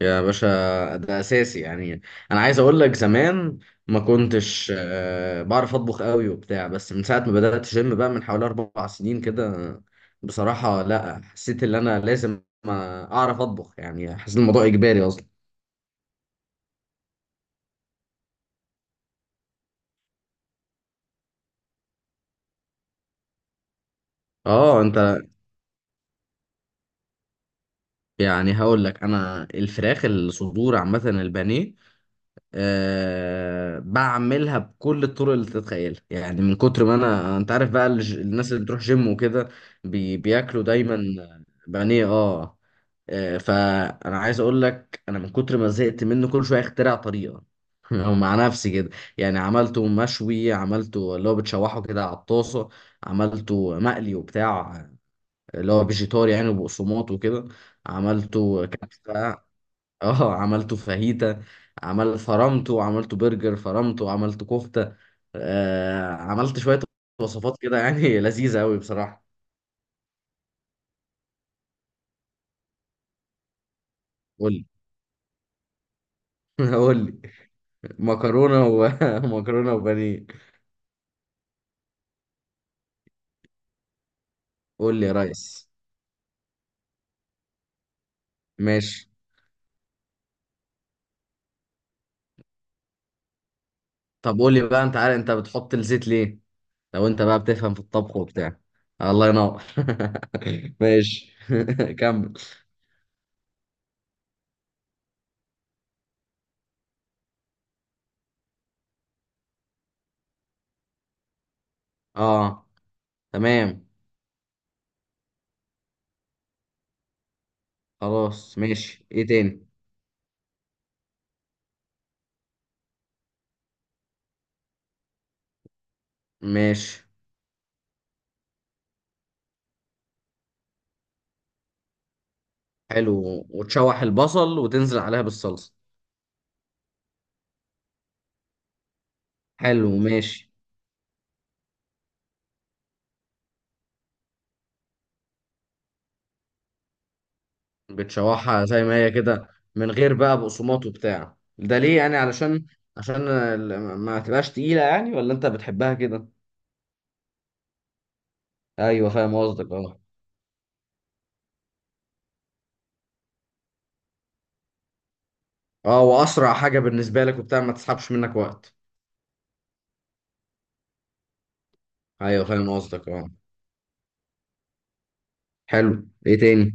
يا باشا، ده اساسي يعني. انا عايز اقول لك زمان ما كنتش بعرف اطبخ قوي وبتاع، بس من ساعه ما بدات جيم بقى من حوالي 4 سنين كده. بصراحه، لا، حسيت ان انا لازم اعرف اطبخ، يعني حسيت الموضوع اجباري اصلا. اه انت. يعني هقول لك انا الفراخ الصدور عامه البانيه، أه، بعملها بكل الطرق اللي تتخيلها، يعني من كتر ما انا انت عارف بقى، الناس اللي بتروح جيم وكده بياكلوا دايما بانيه. اه. فانا عايز اقول لك انا من كتر ما زهقت منه كل شويه اخترع طريقه او مع نفسي كده، يعني عملته مشوي، عملته اللي هو بتشوحه كده على الطاسه، عملته مقلي وبتاع اللي هو فيجيتار يعني وبقسماط وكده، عملته كبسه، اه عملته فاهيتا، عمل فرمته عملته برجر، فرمته عملته كفتة. عملت شوية وصفات كده يعني لذيذة قوي بصراحة. قول لي. قول لي. مكرونة ومكرونة وبانيه. قول لي يا ريس. ماشي. طب قول لي بقى، انت عارف انت بتحط الزيت ليه؟ لو انت بقى بتفهم في الطبخ وبتاع. الله ينور ماشي كمل. اه، تمام. خلاص ماشي، ايه تاني؟ ماشي. حلو، وتشوح البصل وتنزل عليها بالصلصة. حلو ماشي. بتشوحها زي ما هي كده، من غير بقى بقسماط وبتاع ده ليه يعني؟ علشان ما تبقاش تقيلة يعني، ولا انت بتحبها كده؟ ايوه، فاهم قصدك، اه. اه واسرع حاجة بالنسبة لك وبتاع، ما تسحبش منك وقت. ايوه فاهم قصدك اه. حلو، ايه تاني؟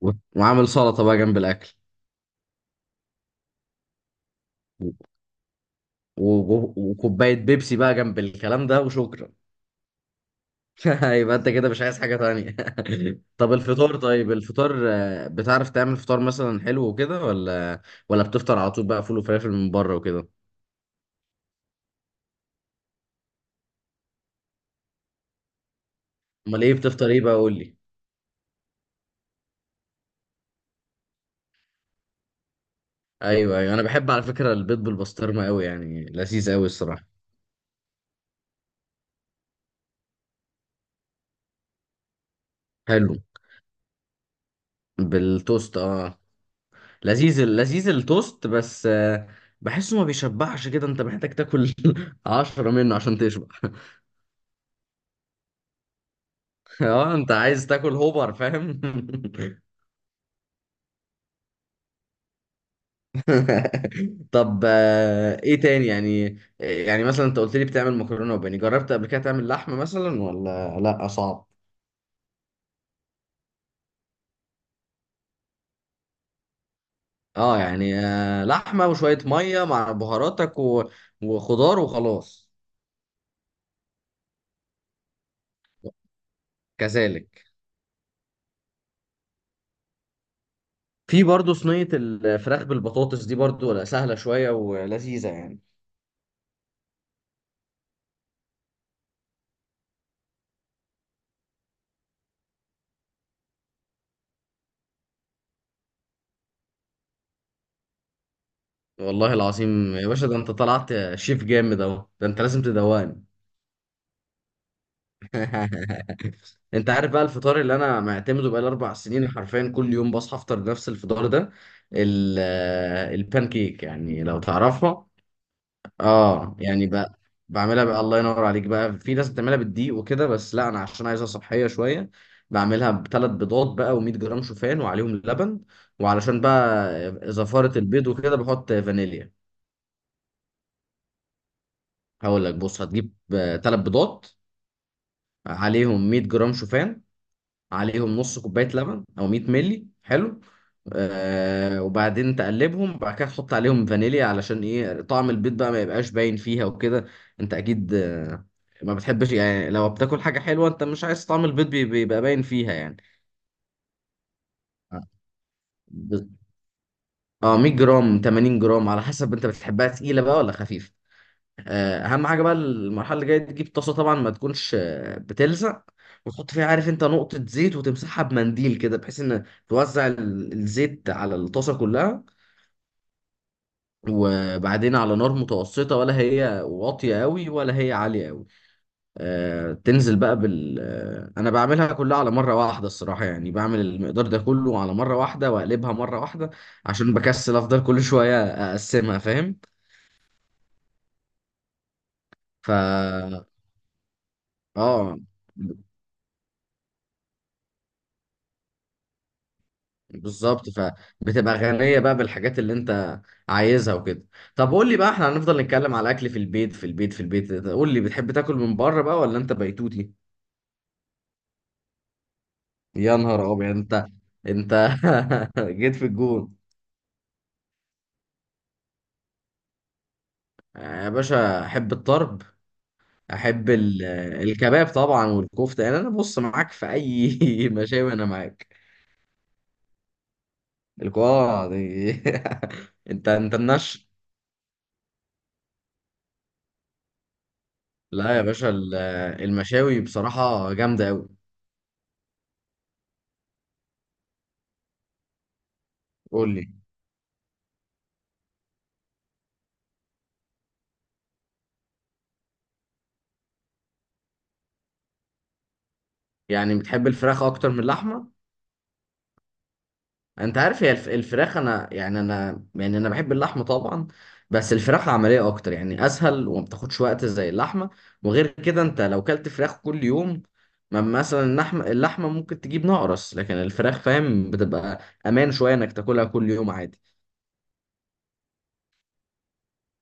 و- وعامل سلطة بقى جنب الاكل. و- وكوباية بيبسي بقى جنب الكلام ده، وشكرا. يبقى انت كده مش عايز حاجة تانية. طب الفطار، طيب الفطار، بتعرف تعمل فطار مثلا حلو وكده، ولا ولا بتفطر على طول بقى فول وفلافل من بره وكده؟ امال ايه بتفطر، ايه بقى؟ قول لي. ايوه ايوه، انا بحب على فكرة البيض بالبسطرمة قوي يعني، لذيذ قوي الصراحة. حلو. بالتوست اه. لذيذ لذيذ التوست، بس بحسه ما بيشبعش كده، انت محتاج تاكل 10 منه عشان تشبع. اه، انت عايز تاكل هوبر، فاهم. طب ايه تاني يعني؟ يعني مثلا انت قلت لي بتعمل مكرونه وبانيه، جربت قبل كده تعمل لحمه مثلا ولا لا صعب؟ اه يعني، لحمه وشويه ميه مع بهاراتك وخضار وخلاص. كذلك. في برضو صينيه الفراخ بالبطاطس دي برضو، ولا سهله شويه ولذيذه يعني. والله العظيم يا باشا، ده انت طلعت شيف جامد اهو، ده انت لازم تدوقني. انت عارف بقى الفطار اللي انا معتمده بقى 4 سنين؟ حرفيا كل يوم بصحى افطر نفس الفطار ده، البان كيك يعني، لو تعرفها. اه يعني بقى، بعملها بقى الله ينور عليك بقى، في ناس بتعملها بالدقيق وكده، بس لا، انا عشان عايزها صحيه شويه بعملها بثلاث بيضات بقى و100 جرام شوفان وعليهم لبن، وعلشان بقى زفاره البيض وكده بحط فانيليا. هقول لك بص، هتجيب ثلاث بيضات، عليهم 100 جرام شوفان، عليهم نص كوباية لبن أو 100 مللي، حلو. آه، وبعدين تقلبهم بعد كده تحط عليهم فانيليا، علشان ايه؟ طعم البيض بقى ما يبقاش باين فيها وكده. انت اكيد آه، ما بتحبش يعني لو بتاكل حاجة حلوة انت مش عايز طعم البيض بيبقى باين فيها يعني. ب- اه، 100 جرام 80 جرام على حسب انت بتحبها تقيلة بقى ولا خفيفة. اهم حاجه بقى، المرحله اللي جايه دي، تجيب طاسه طبعا ما تكونش بتلزق، وتحط فيها، عارف انت، نقطه زيت وتمسحها بمنديل كده، بحيث ان توزع الزيت على الطاسه كلها، وبعدين على نار متوسطه، ولا هي واطيه قوي ولا هي عاليه قوي. تنزل بقى بال آه، انا بعملها كلها على مره واحده الصراحه، يعني بعمل المقدار ده كله على مره واحده واقلبها مره واحده، عشان بكسل افضل كل شويه اقسمها، فاهم. ف اه بالظبط، فبتبقى غنية بقى بالحاجات اللي انت عايزها وكده. طب قول لي بقى، احنا هنفضل نتكلم على الاكل في البيت في البيت في البيت؟ قول لي، بتحب تاكل من بره بقى ولا انت بيتوتي؟ يا نهار ابيض انت. انت جيت في الجون. يا باشا، احب الطرب، احب الكباب طبعا والكفتة، يعني انا بص معاك في اي مشاوي، انا معاك. الكوارع دي. انت انت النش. لا يا باشا، المشاوي بصراحة جامدة قوي. قول لي. يعني بتحب الفراخ اكتر من اللحمه؟ انت عارف، هي الفراخ، انا يعني، انا يعني، انا بحب اللحمه طبعا، بس الفراخ عمليه اكتر يعني، اسهل وما بتاخدش وقت زي اللحمه، وغير كده انت لو كلت فراخ كل يوم، ما مثلا اللحمه، اللحمه ممكن تجيب نقرس، لكن الفراخ، فاهم، بتبقى امان شويه انك تاكلها كل يوم عادي.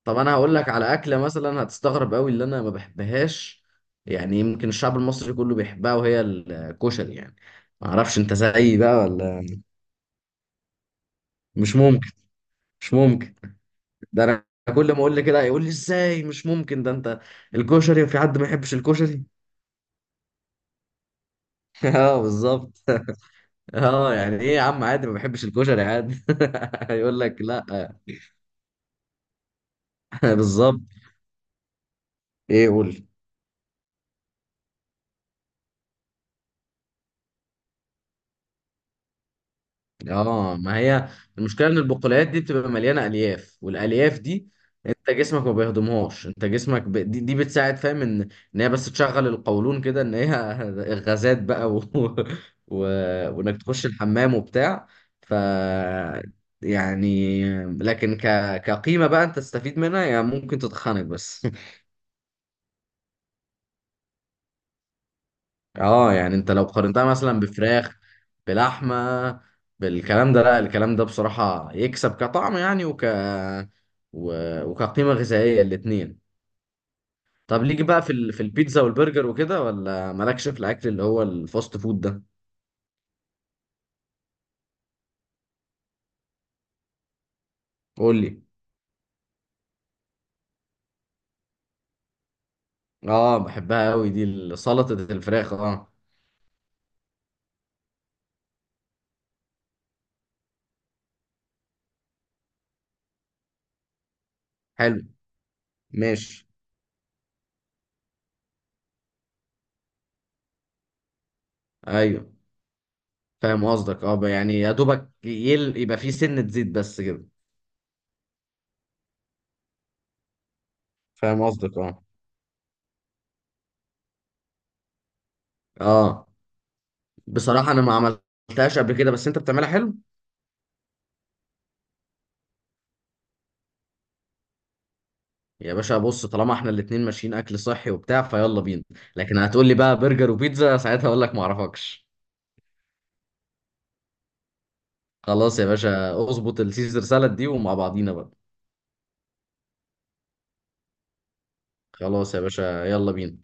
طب انا هقول لك على اكله مثلا هتستغرب قوي اللي انا ما بحبهاش، يعني يمكن الشعب المصري كله بيحبها، وهي الكشري يعني، ما اعرفش انت زيي بقى ولا. مش ممكن، مش ممكن، ده انا كل ما اقول لي كده يقول لي ازاي مش ممكن؟ ده انت الكشري، في حد ما يحبش الكشري؟ اه بالظبط. اه يعني ايه يا عم، عادي ما بحبش الكشري، عادي. يقول لك لا. بالظبط. ايه، قول. اه، ما هي المشكله ان البقوليات دي بتبقى مليانه الياف، والالياف دي انت جسمك ما بيهضمهاش، انت جسمك دي بتساعد، فاهم، ان ان هي بس تشغل القولون كده، ان هي غازات بقى و... وانك تخش الحمام وبتاع. ف يعني لكن كقيمه بقى انت تستفيد منها يعني، ممكن تتخنق بس. اه يعني انت لو قارنتها مثلا بفراخ، بلحمه، بالكلام ده، لا، الكلام ده بصراحه يكسب كطعم يعني و... وكقيمه غذائيه الاتنين. طب ليك بقى في في البيتزا والبرجر وكده، ولا مالكش في الاكل اللي هو الفاست فود ده؟ قول لي. اه بحبها قوي دي، سلطه الفراخ اه. حلو ماشي. ايوه فاهم قصدك اه، يعني يا دوبك يبقى فيه سنه زيت بس كده. فاهم قصدك اه. اه بصراحة أنا ما عملتهاش قبل كده، بس أنت بتعملها حلو. يا باشا بص، طالما إحنا الاتنين ماشيين أكل صحي وبتاع، فيلا بينا. لكن هتقول لي بقى برجر وبيتزا ساعتها، أقول لك ما أعرفكش. خلاص يا باشا، اظبط السيزر سالاد دي ومع بعضينا بقى. خلاص يا باشا، يلا بينا.